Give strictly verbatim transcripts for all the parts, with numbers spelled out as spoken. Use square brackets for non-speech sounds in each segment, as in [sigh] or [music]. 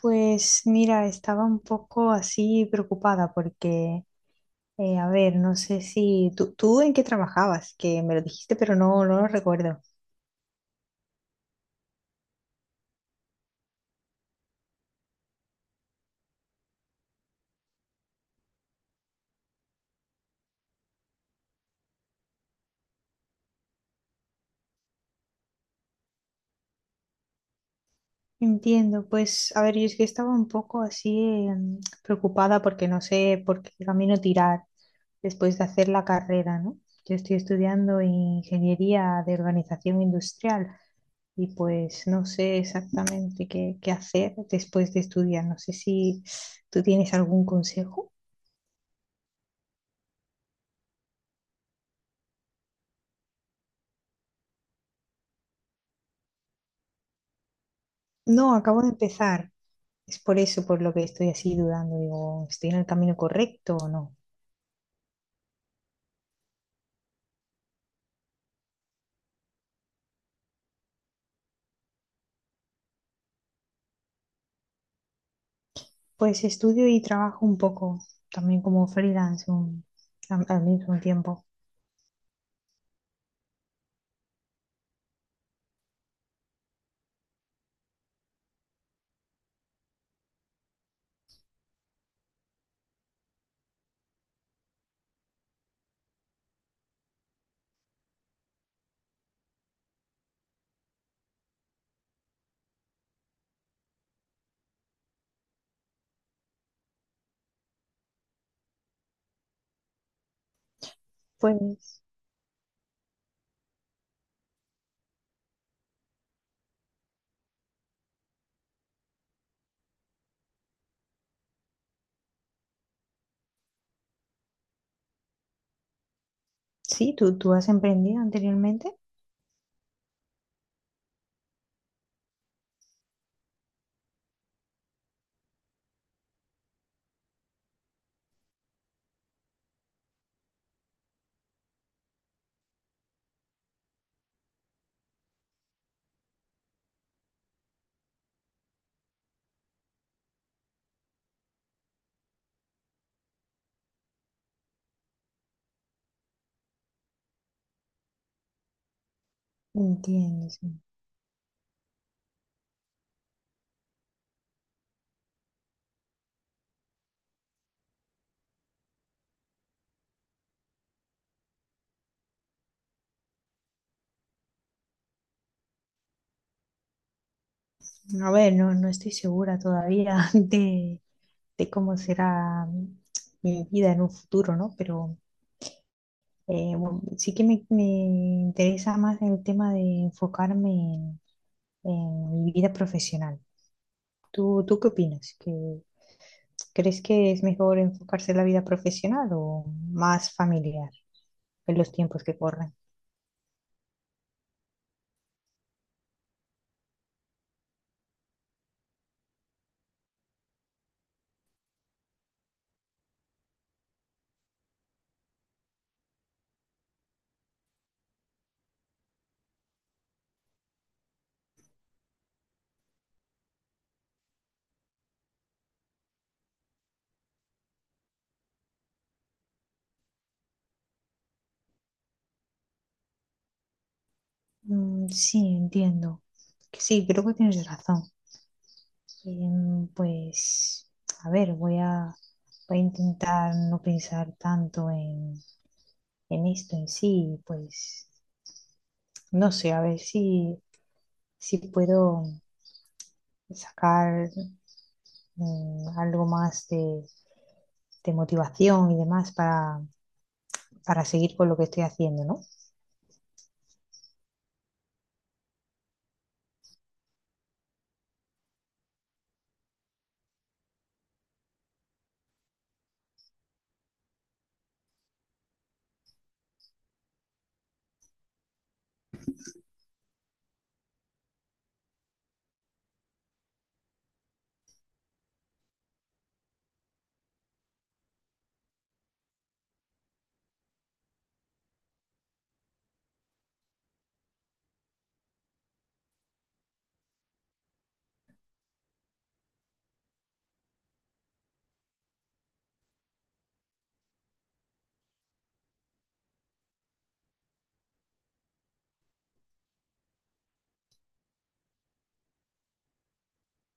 Pues mira, estaba un poco así preocupada porque, eh, a ver, no sé si tú, tú en qué trabajabas, que me lo dijiste, pero no, no lo recuerdo. Entiendo, pues, a ver, yo es que estaba un poco así eh, preocupada porque no sé por qué camino tirar después de hacer la carrera, ¿no? Yo estoy estudiando ingeniería de organización industrial y pues no sé exactamente qué, qué hacer después de estudiar. No sé si tú tienes algún consejo. No, acabo de empezar. Es por eso por lo que estoy así dudando. Digo, ¿estoy en el camino correcto o no? Pues estudio y trabajo un poco, también como freelance un- al, al mismo tiempo. Pues sí, tú, tú has emprendido anteriormente. Entiendo, sí. A ver, no, no estoy segura todavía [laughs] de, de cómo será mi vida en un futuro, ¿no? Pero eh, bueno, sí que me, me interesa más el tema de enfocarme en en mi vida profesional. ¿Tú, tú qué opinas? ¿Que- crees que es mejor enfocarse en la vida profesional o más familiar en los tiempos que corren? Mm, sí, entiendo. Que sí, creo que tienes razón. Em, pues, a ver, voy a, voy a intentar no pensar tanto en, en esto en sí, pues, no sé, a ver si, si puedo sacar mm, algo más de, de motivación y demás para, para seguir con lo que estoy haciendo, ¿no?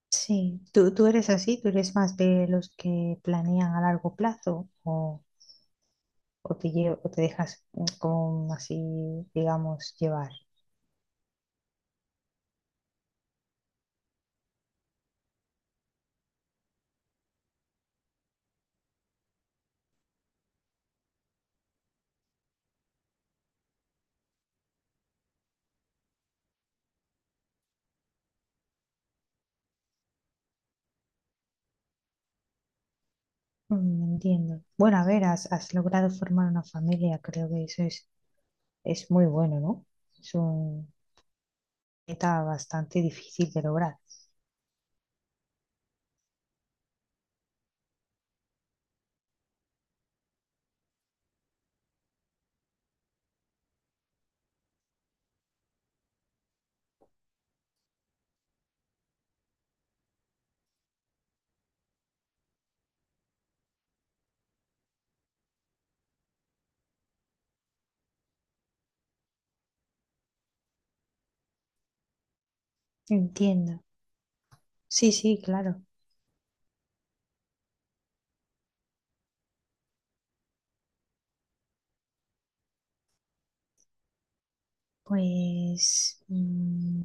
Sí, ¿tú, tú eres así? ¿Tú eres más de los que planean a largo plazo o, o te, lle- o te dejas mm, como así, digamos, llevar? Mm, entiendo. Bueno, a ver, has, has logrado formar una familia, creo que eso es, es muy bueno, ¿no? Es una meta bastante difícil de lograr. Entiendo. Sí, sí, claro. Pues... mm,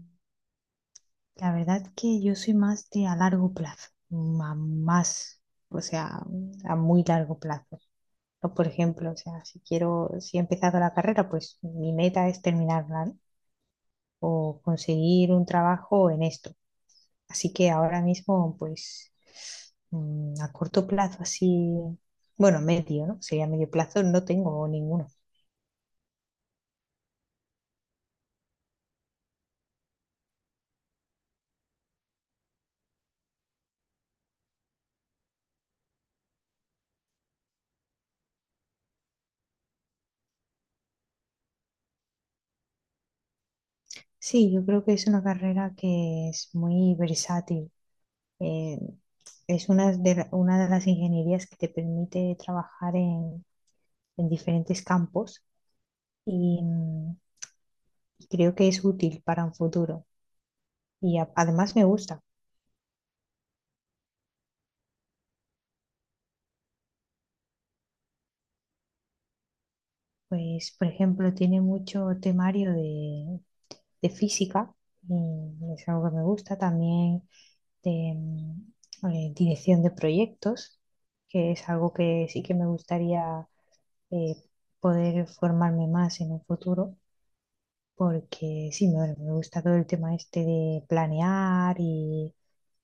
la verdad que yo soy más de a largo plazo, ma- más, o sea, a muy largo plazo. O, por ejemplo, o sea, si quiero, si he empezado la carrera, pues mi meta es terminarla, ¿no? O conseguir un trabajo en esto. Así que ahora mismo, pues, mm, a corto plazo, así, bueno, medio, ¿no? Sería medio plazo, no tengo ninguno. Sí, yo creo que es una carrera que es muy versátil. Eh, Es una de, una de las ingenierías que te permite trabajar en, en diferentes campos y, mm, y creo que es útil para un futuro. Y a- además me gusta. Pues, por ejemplo, tiene mucho temario de, de física y es algo que me gusta. También de mm, eh, dirección de proyectos, que es algo que sí que me gustaría eh, poder formarme más en un futuro. Porque sí, me, bueno, me gusta todo el tema este de planear y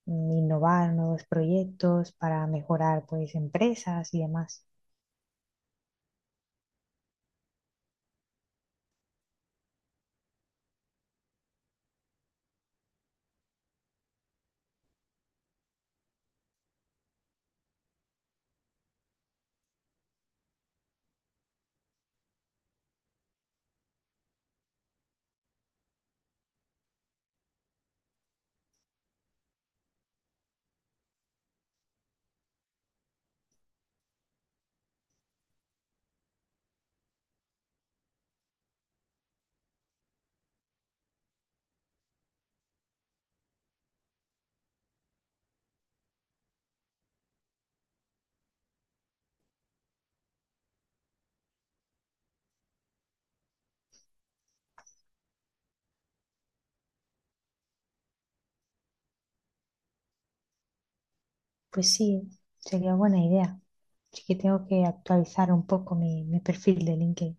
mm, innovar nuevos proyectos para mejorar pues empresas y demás. Pues sí, sería buena idea. Así que tengo que actualizar un poco mi, mi perfil de LinkedIn.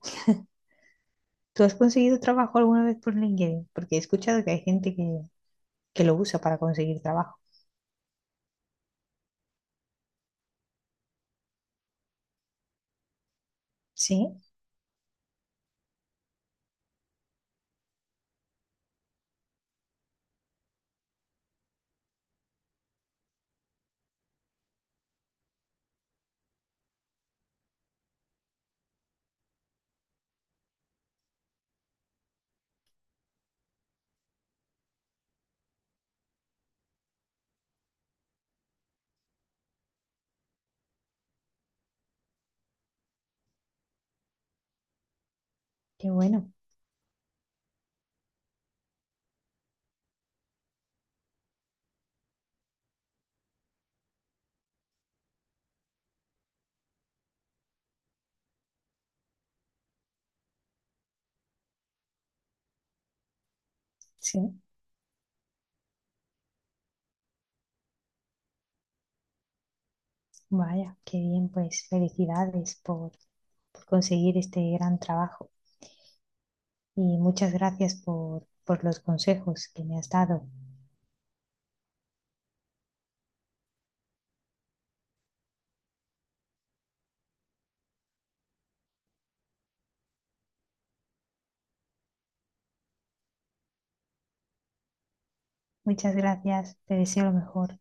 ¿Tú has conseguido trabajo alguna vez por LinkedIn? Porque he escuchado que hay gente que, que lo usa para conseguir trabajo. Sí, qué bueno. Sí, vaya, qué bien, pues felicidades por, por conseguir este gran trabajo. Y muchas gracias por, por los consejos que me has dado. Muchas gracias, te deseo lo mejor.